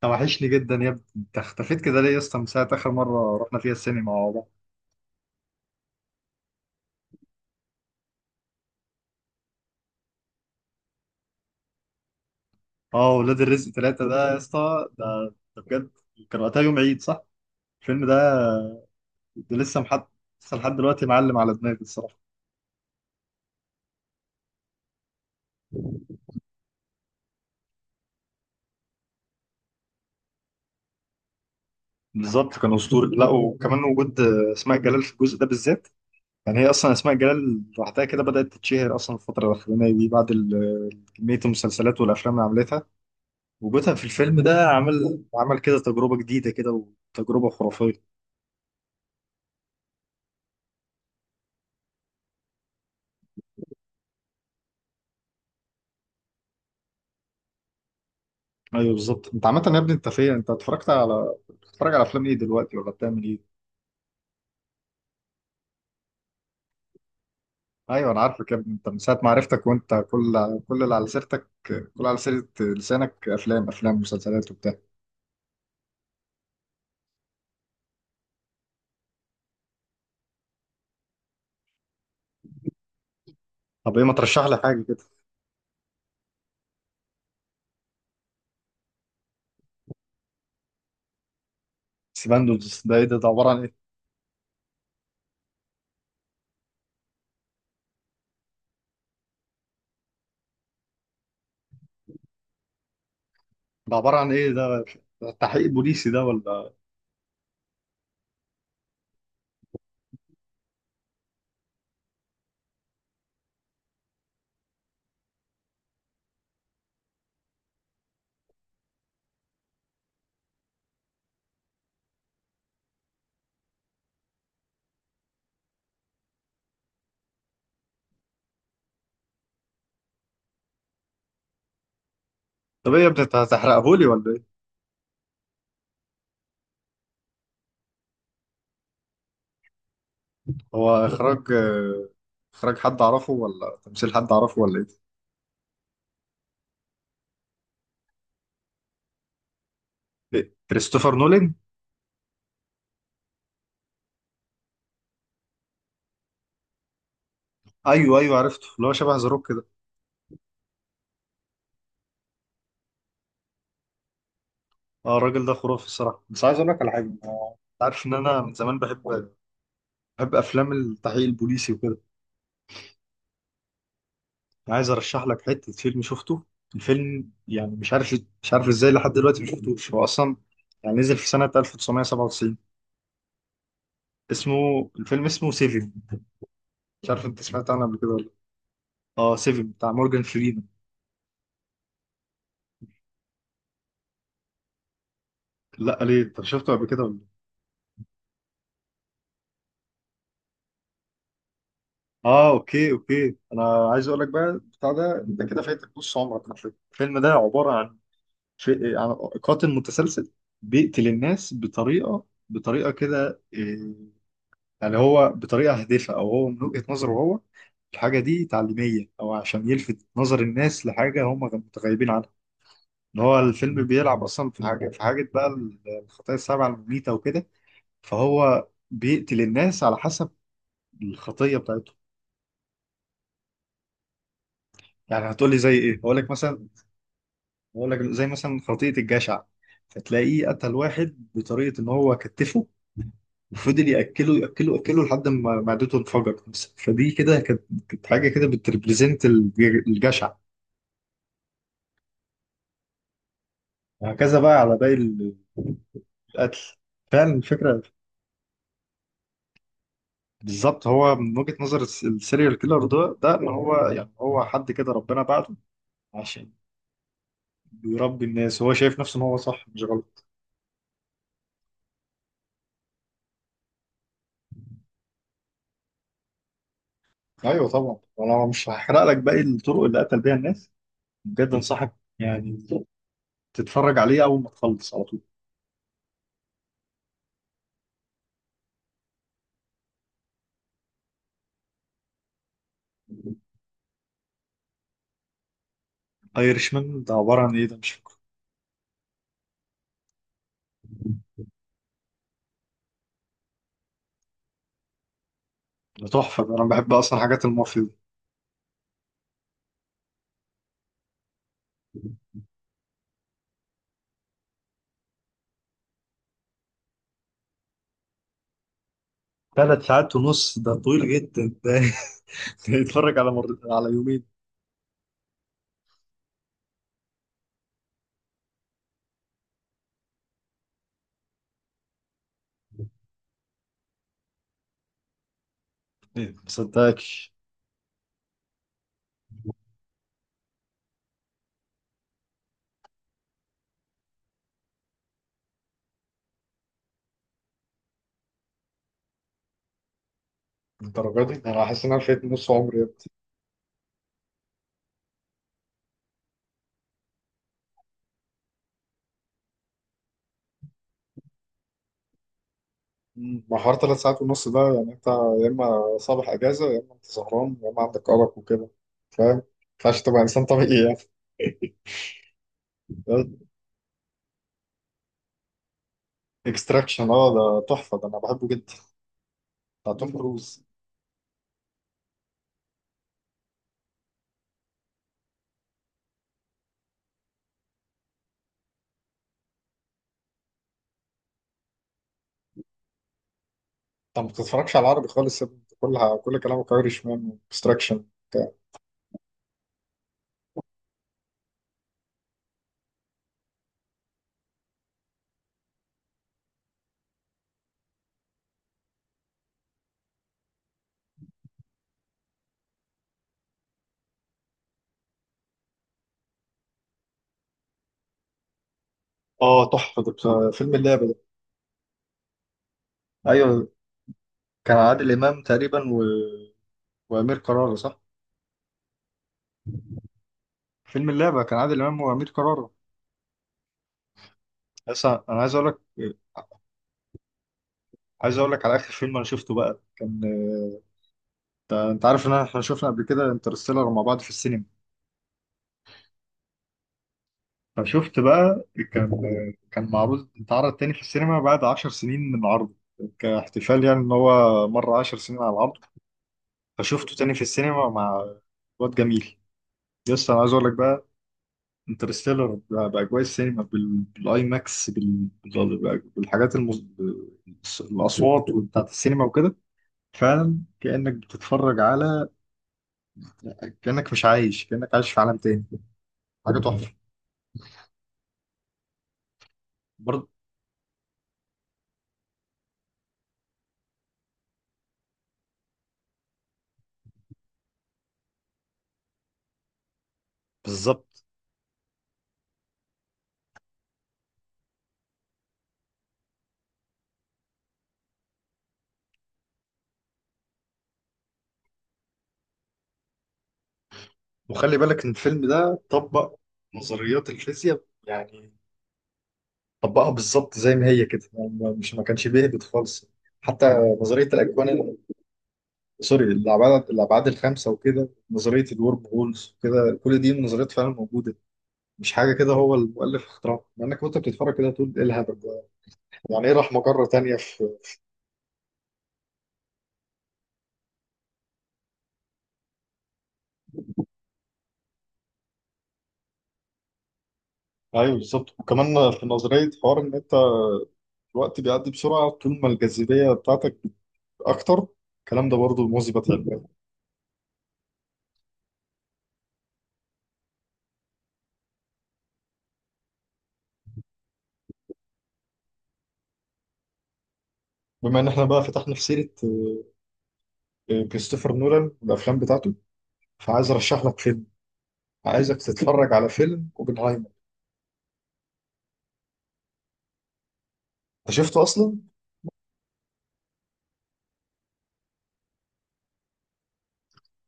توحشني جدا يا ابني، انت اختفيت كده ليه يا اسطى؟ من ساعه اخر مره رحنا فيها السينما مع بعض. اه، ولاد الرزق ثلاثة ده يا اسطى، ده بجد. كان وقتها يوم عيد، صح؟ الفيلم ده. ده لسه محد. لسه لحد دلوقتي معلم على دماغي الصراحه. بالظبط كان اسطوري. لا وكمان وجود اسماء جلال في الجزء ده بالذات. يعني هي اصلا اسماء جلال لوحدها كده بدات تتشهر اصلا الفتره الاخرانيه دي بعد كميه المسلسلات والافلام اللي عملتها. وجودها في الفيلم ده عمل كده تجربه جديده كده. وتجربه خرافيه. ايوه بالظبط، انت عامه يا ابني؟ انت فين؟ انت اتفرجت على بتتفرج على افلام ايه دلوقتي ولا بتعمل ايه؟ ايوه، انا عارفك يا ابني، انت من ساعه ما عرفتك وانت كل اللي على سيرتك، كل على سيره لسانك افلام مسلسلات وبتاع. طب ايه، ما ترشح لي حاجه كده. سيباندوز ده ايه ده؟ ده عباره عن ايه؟ ده عباره عن ايه ده تحقيق بوليسي ده ولا؟ طب ايه يا ابني، انت هتحرقه لي ولا ايه؟ هو اخراج حد اعرفه ولا تمثيل حد اعرفه ولا ايه؟ إيه؟ كريستوفر نولان. ايوه، ايوه، عرفته، اللي هو شبه ذا. اه الراجل ده خرافي الصراحه، بس عايز اقول لك على حاجه. أنا عارف ان انا من زمان بحب افلام التحقيق البوليسي وكده. أنا عايز ارشح لك حته فيلم شفته. الفيلم يعني مش عارف ازاي لحد دلوقتي ما شفتوش. هو اصلا يعني نزل في سنه 1997. اسمه الفيلم اسمه سيفن. مش عارف انت سمعت عنه قبل كده ولا لأ. اه، سيفن بتاع مورجان فريمان. لا، ليه؟ انت شفته قبل كده ولا لأ؟ اه، اوكي، اوكي، انا عايز اقول لك بقى. بتاع ده انت كده فايتك نص عمرك على فكرة. الفيلم ده عباره عن شيء، يعني قاتل متسلسل بيقتل الناس بطريقة كده إيه، يعني هو بطريقة هادفة، أو هو من وجهة نظره هو الحاجة دي تعليمية أو عشان يلفت نظر الناس لحاجة هم متغيبين عنها. إن هو الفيلم بيلعب أصلا في حاجة بقى الخطايا السبعة المميتة وكده. فهو بيقتل الناس على حسب الخطية بتاعتهم. يعني هتقولي زي إيه؟ هقول لك زي مثلا خطية الجشع. فتلاقيه قتل واحد بطريقة إن هو كتفه وفضل ياكله ياكله ياكله لحد ما معدته انفجرت مثلا. فدي كده كانت حاجه كده بتريبريزنت الجشع. وهكذا بقى على باقي القتل. فعلا الفكره. بالظبط، هو من وجهه نظر السيريال كيلر ده ان هو يعني هو حد كده ربنا بعته عشان بيربي الناس. هو شايف نفسه ان هو صح مش غلط. ايوه طبعا، انا مش هحرق لك باقي الطرق اللي قتل بيها الناس. بجد انصحك يعني تتفرج عليه اول ما تخلص على طول. ايرشمان ده عباره عن ايه ده؟ مش، ده تحفة ده، أنا بحب أصلا حاجات المافيا دي. 3 ساعات ونص ده طويل جدا ده ده يتفرج على يومين. إيه، ما صدقكش. الدرجة دي أنا حاسس إن أنا فايت نص عمري يا ابني. مم. ما حوار 3 ساعات ونص ده يعني، أنت يا إما صباح أجازة، يا إما أنت سهران، يا إما عندك أرق وكده. فاهم؟ ما ينفعش تبقى إنسان طبيعي يعني. إكستراكشن أه، ده تحفة ده أنا بحبه جدا. بتاع توم كروز. أنت ما بتتفرجش على العربي خالص يا ابني، كل كلامك أيرش مان إكستراكشن. اه، تحفة ده بتاع فيلم اللعبة ده. ايوه، كان عادل إمام تقريبا وأمير كرارة صح؟ فيلم اللعبة كان عادل إمام وأمير كرارة. بس أنا عايز أقول لك على آخر فيلم أنا شفته بقى كان. أنت عارف إن إحنا شفنا قبل كده انترستيلر مع بعض في السينما. فشفت بقى. كان معروض، اتعرض تاني في السينما بعد 10 سنين من عرضه، كاحتفال يعني إن هو مر 10 سنين على العرض. فشفته تاني في السينما مع واد جميل. يس، أنا عايز أقول لك بقى. انترستيلر باجواء السينما، بالاي ماكس، بالحاجات الاصوات بتاعت السينما وكده. فعلا كانك بتتفرج على، كانك مش عايش كانك عايش في عالم تاني. حاجه تحفه. برضه بالظبط. وخلي بالك ان الفيلم ده طبق نظريات الفيزياء يعني، طبقها بالظبط زي ما هي كده يعني مش ما كانش بيهبط خالص. حتى نظريه الاكوان سوري الابعاد الخمسه وكده، نظريه الورم هولز وكده، كل دي نظريات فعلا موجوده، مش حاجه كده هو المؤلف اخترعها. مع انك وانت بتتفرج كده تقول ايه الهبل ده؟ يعني ايه راح مجره تانية في. ايوه بالظبط، وكمان في نظريه حوار ان انت الوقت بيعدي بسرعه طول ما الجاذبيه بتاعتك اكتر. الكلام ده برضه مثبت علميا. بما ان احنا بقى فتحنا في سيره كريستوفر نولان والافلام بتاعته، فعايز ارشح لك فيلم. عايزك تتفرج على فيلم اوبنهايمر. انت شفته اصلا؟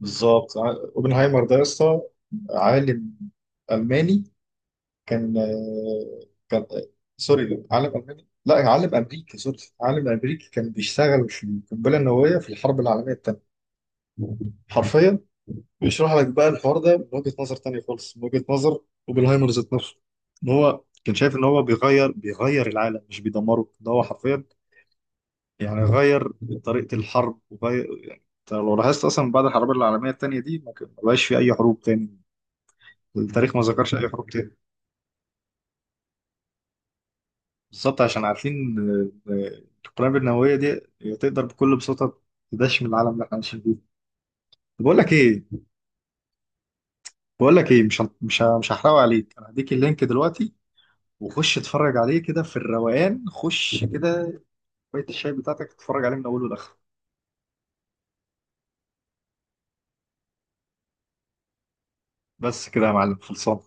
بالظبط، اوبنهايمر ده يا اسطى عالم الماني. كان كان سوري، عالم الماني لا عالم امريكي، سوري عالم امريكي، كان بيشتغل في القنبله النوويه في الحرب العالميه الثانيه. حرفيا، بيشرح لك بقى الحوار ده من وجهه نظر ثانيه خالص، من وجهه نظر اوبنهايمر ذات نفسه. ان هو كان شايف ان هو بيغير العالم مش بيدمره، ده هو حرفيا يعني غير طريقه الحرب وغير، يعني أنت لو لاحظت اصلا بعد الحرب العالميه الثانيه دي ما بقاش في اي حروب تاني. التاريخ ما ذكرش اي حروب تاني. بالظبط عشان عارفين القنابل النووية دي تقدر بكل بساطة تدشم العالم اللي احنا عايشين فيه. طب بقول لك ايه، بقول لك ايه، مش هن- مش ه- مش هحرقه عليك، انا هديك اللينك دلوقتي. وخش اتفرج عليه كده في الروقان، خش كده كوباية الشاي بتاعتك، اتفرج عليه من اوله لاخره. بس كده يا معلم، خلصان.